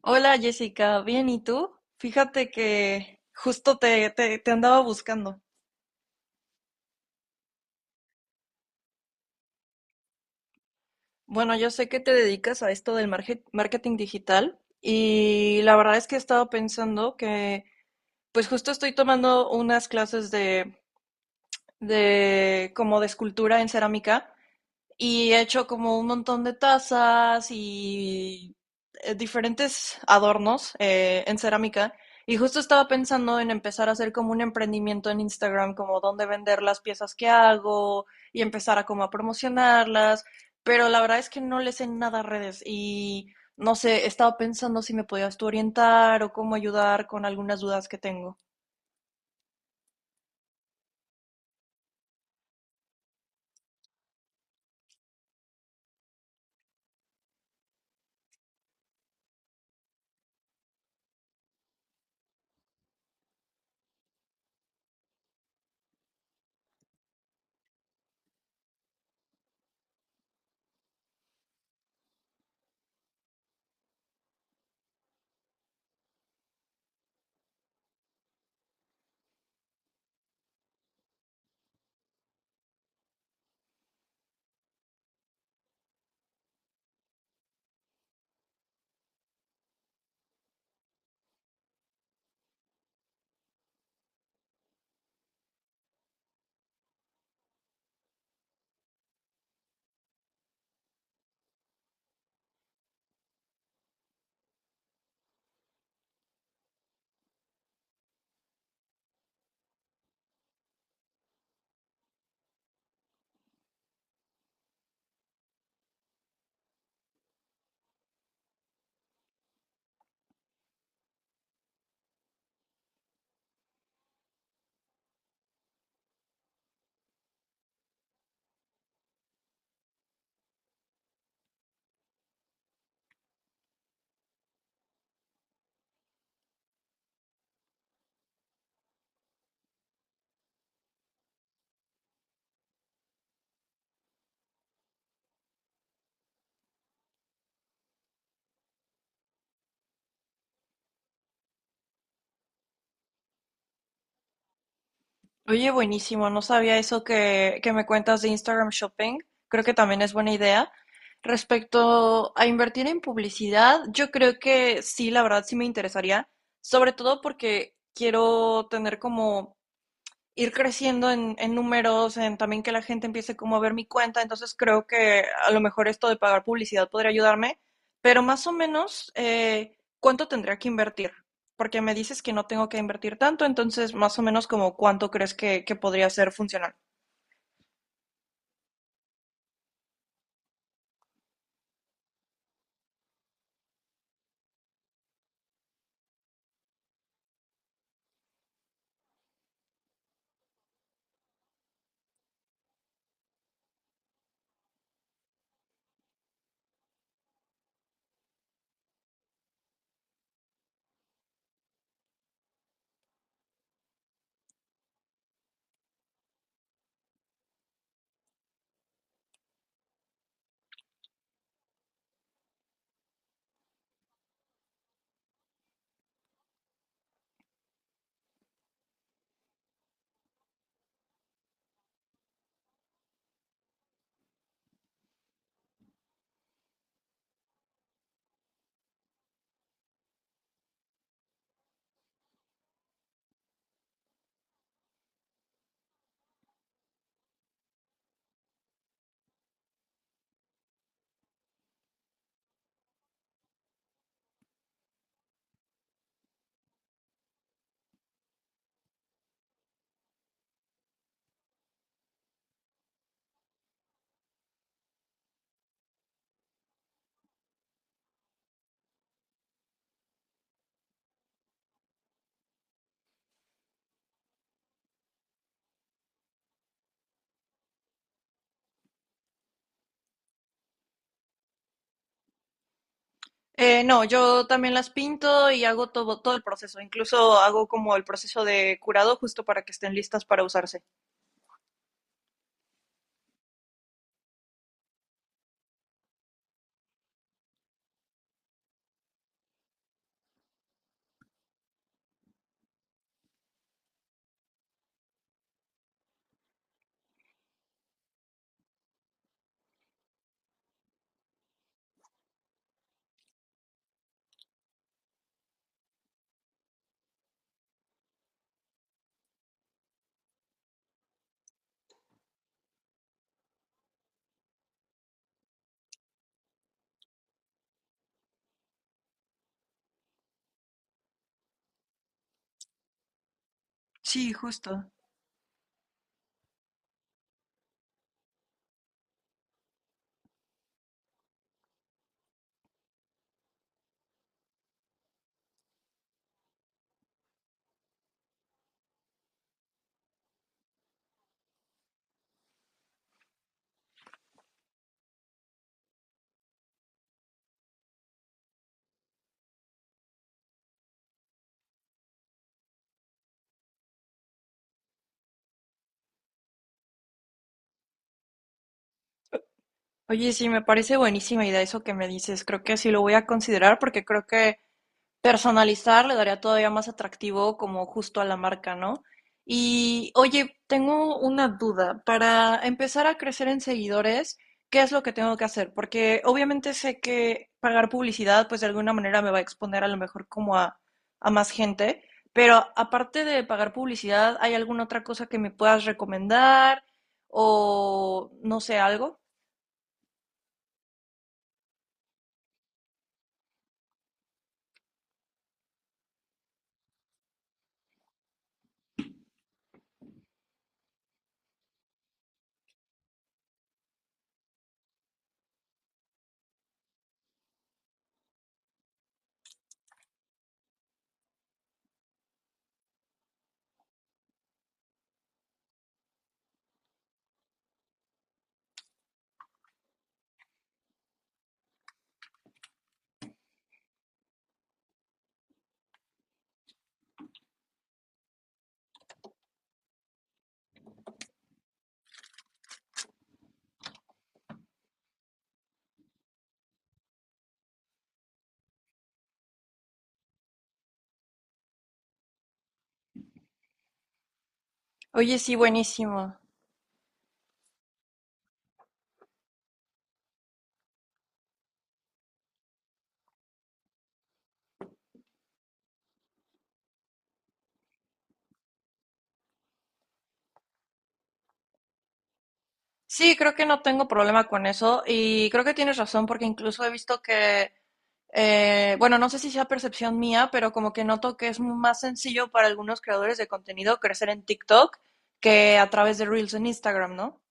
Hola Jessica, bien, ¿y tú? Fíjate que justo te andaba buscando. Bueno, yo sé que te dedicas a esto del marketing digital y la verdad es que he estado pensando que pues justo estoy tomando unas clases de como de escultura en cerámica y he hecho como un montón de tazas y diferentes adornos en cerámica. Y justo estaba pensando en empezar a hacer como un emprendimiento en Instagram, como dónde vender las piezas que hago y empezar a como a promocionarlas. Pero la verdad es que no le sé nada a redes y no sé, estaba pensando si me podías tú orientar o cómo ayudar con algunas dudas que tengo. Oye, buenísimo, no sabía eso que me cuentas de Instagram Shopping. Creo que también es buena idea. Respecto a invertir en publicidad, yo creo que sí, la verdad sí me interesaría, sobre todo porque quiero tener como ir creciendo en números, en también que la gente empiece como a ver mi cuenta, entonces creo que a lo mejor esto de pagar publicidad podría ayudarme, pero más o menos, ¿cuánto tendría que invertir? Porque me dices que no tengo que invertir tanto, entonces más o menos como cuánto crees que podría ser funcional. No, yo también las pinto y hago todo el proceso. Incluso hago como el proceso de curado justo para que estén listas para usarse. Sí, justo. Oye, sí, me parece buenísima idea eso que me dices. Creo que sí lo voy a considerar porque creo que personalizar le daría todavía más atractivo como justo a la marca, ¿no? Y oye, tengo una duda. Para empezar a crecer en seguidores, ¿qué es lo que tengo que hacer? Porque obviamente sé que pagar publicidad, pues de alguna manera me va a exponer a lo mejor como a más gente, pero aparte de pagar publicidad, ¿hay alguna otra cosa que me puedas recomendar? O no sé, algo. Oye, sí, buenísimo. Sí, creo que no tengo problema con eso y creo que tienes razón porque incluso he visto que, bueno, no sé si sea percepción mía, pero como que noto que es más sencillo para algunos creadores de contenido crecer en TikTok que a través de Reels en Instagram, ¿no?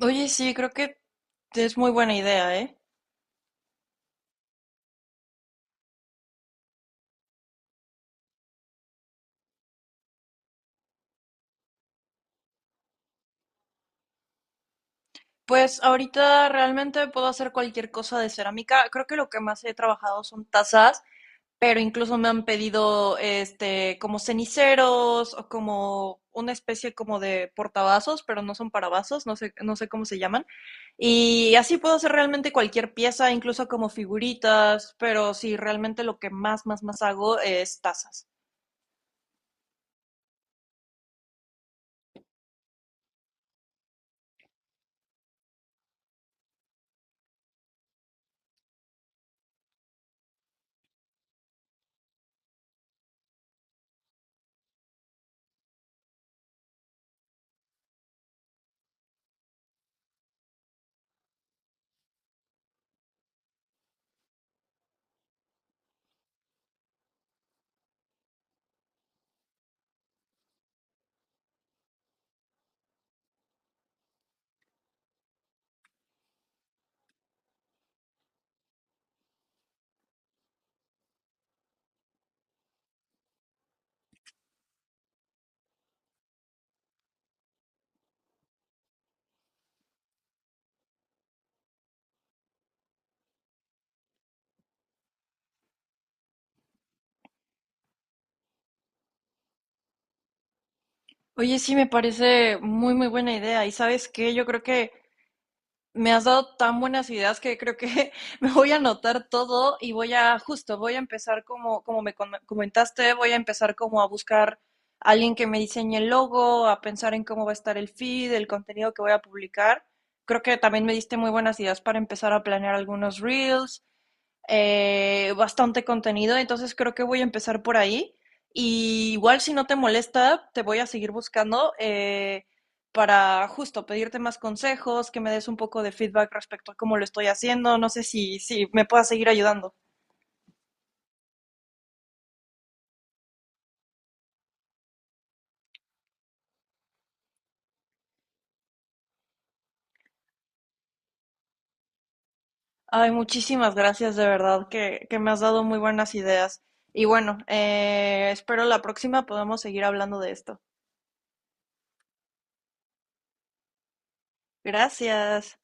Oye, sí, creo que es muy buena idea, ¿eh? Pues ahorita realmente puedo hacer cualquier cosa de cerámica. Creo que lo que más he trabajado son tazas, pero incluso me han pedido este como ceniceros o como una especie como de portavasos, pero no son para vasos, no sé, no sé cómo se llaman. Y así puedo hacer realmente cualquier pieza, incluso como figuritas, pero sí, realmente lo que más, más, más hago es tazas. Oye, sí, me parece muy, muy buena idea. Y sabes qué, yo creo que me has dado tan buenas ideas que creo que me voy a anotar todo y voy a, justo, voy a empezar como, como me comentaste, voy a empezar como a buscar a alguien que me diseñe el logo, a pensar en cómo va a estar el feed, el contenido que voy a publicar. Creo que también me diste muy buenas ideas para empezar a planear algunos reels bastante contenido, entonces creo que voy a empezar por ahí. Y igual si no te molesta, te voy a seguir buscando para justo pedirte más consejos, que me des un poco de feedback respecto a cómo lo estoy haciendo, no sé si, si me puedas seguir ayudando. Ay, muchísimas gracias, de verdad, que me has dado muy buenas ideas. Y bueno, espero la próxima podamos seguir hablando de esto. Gracias.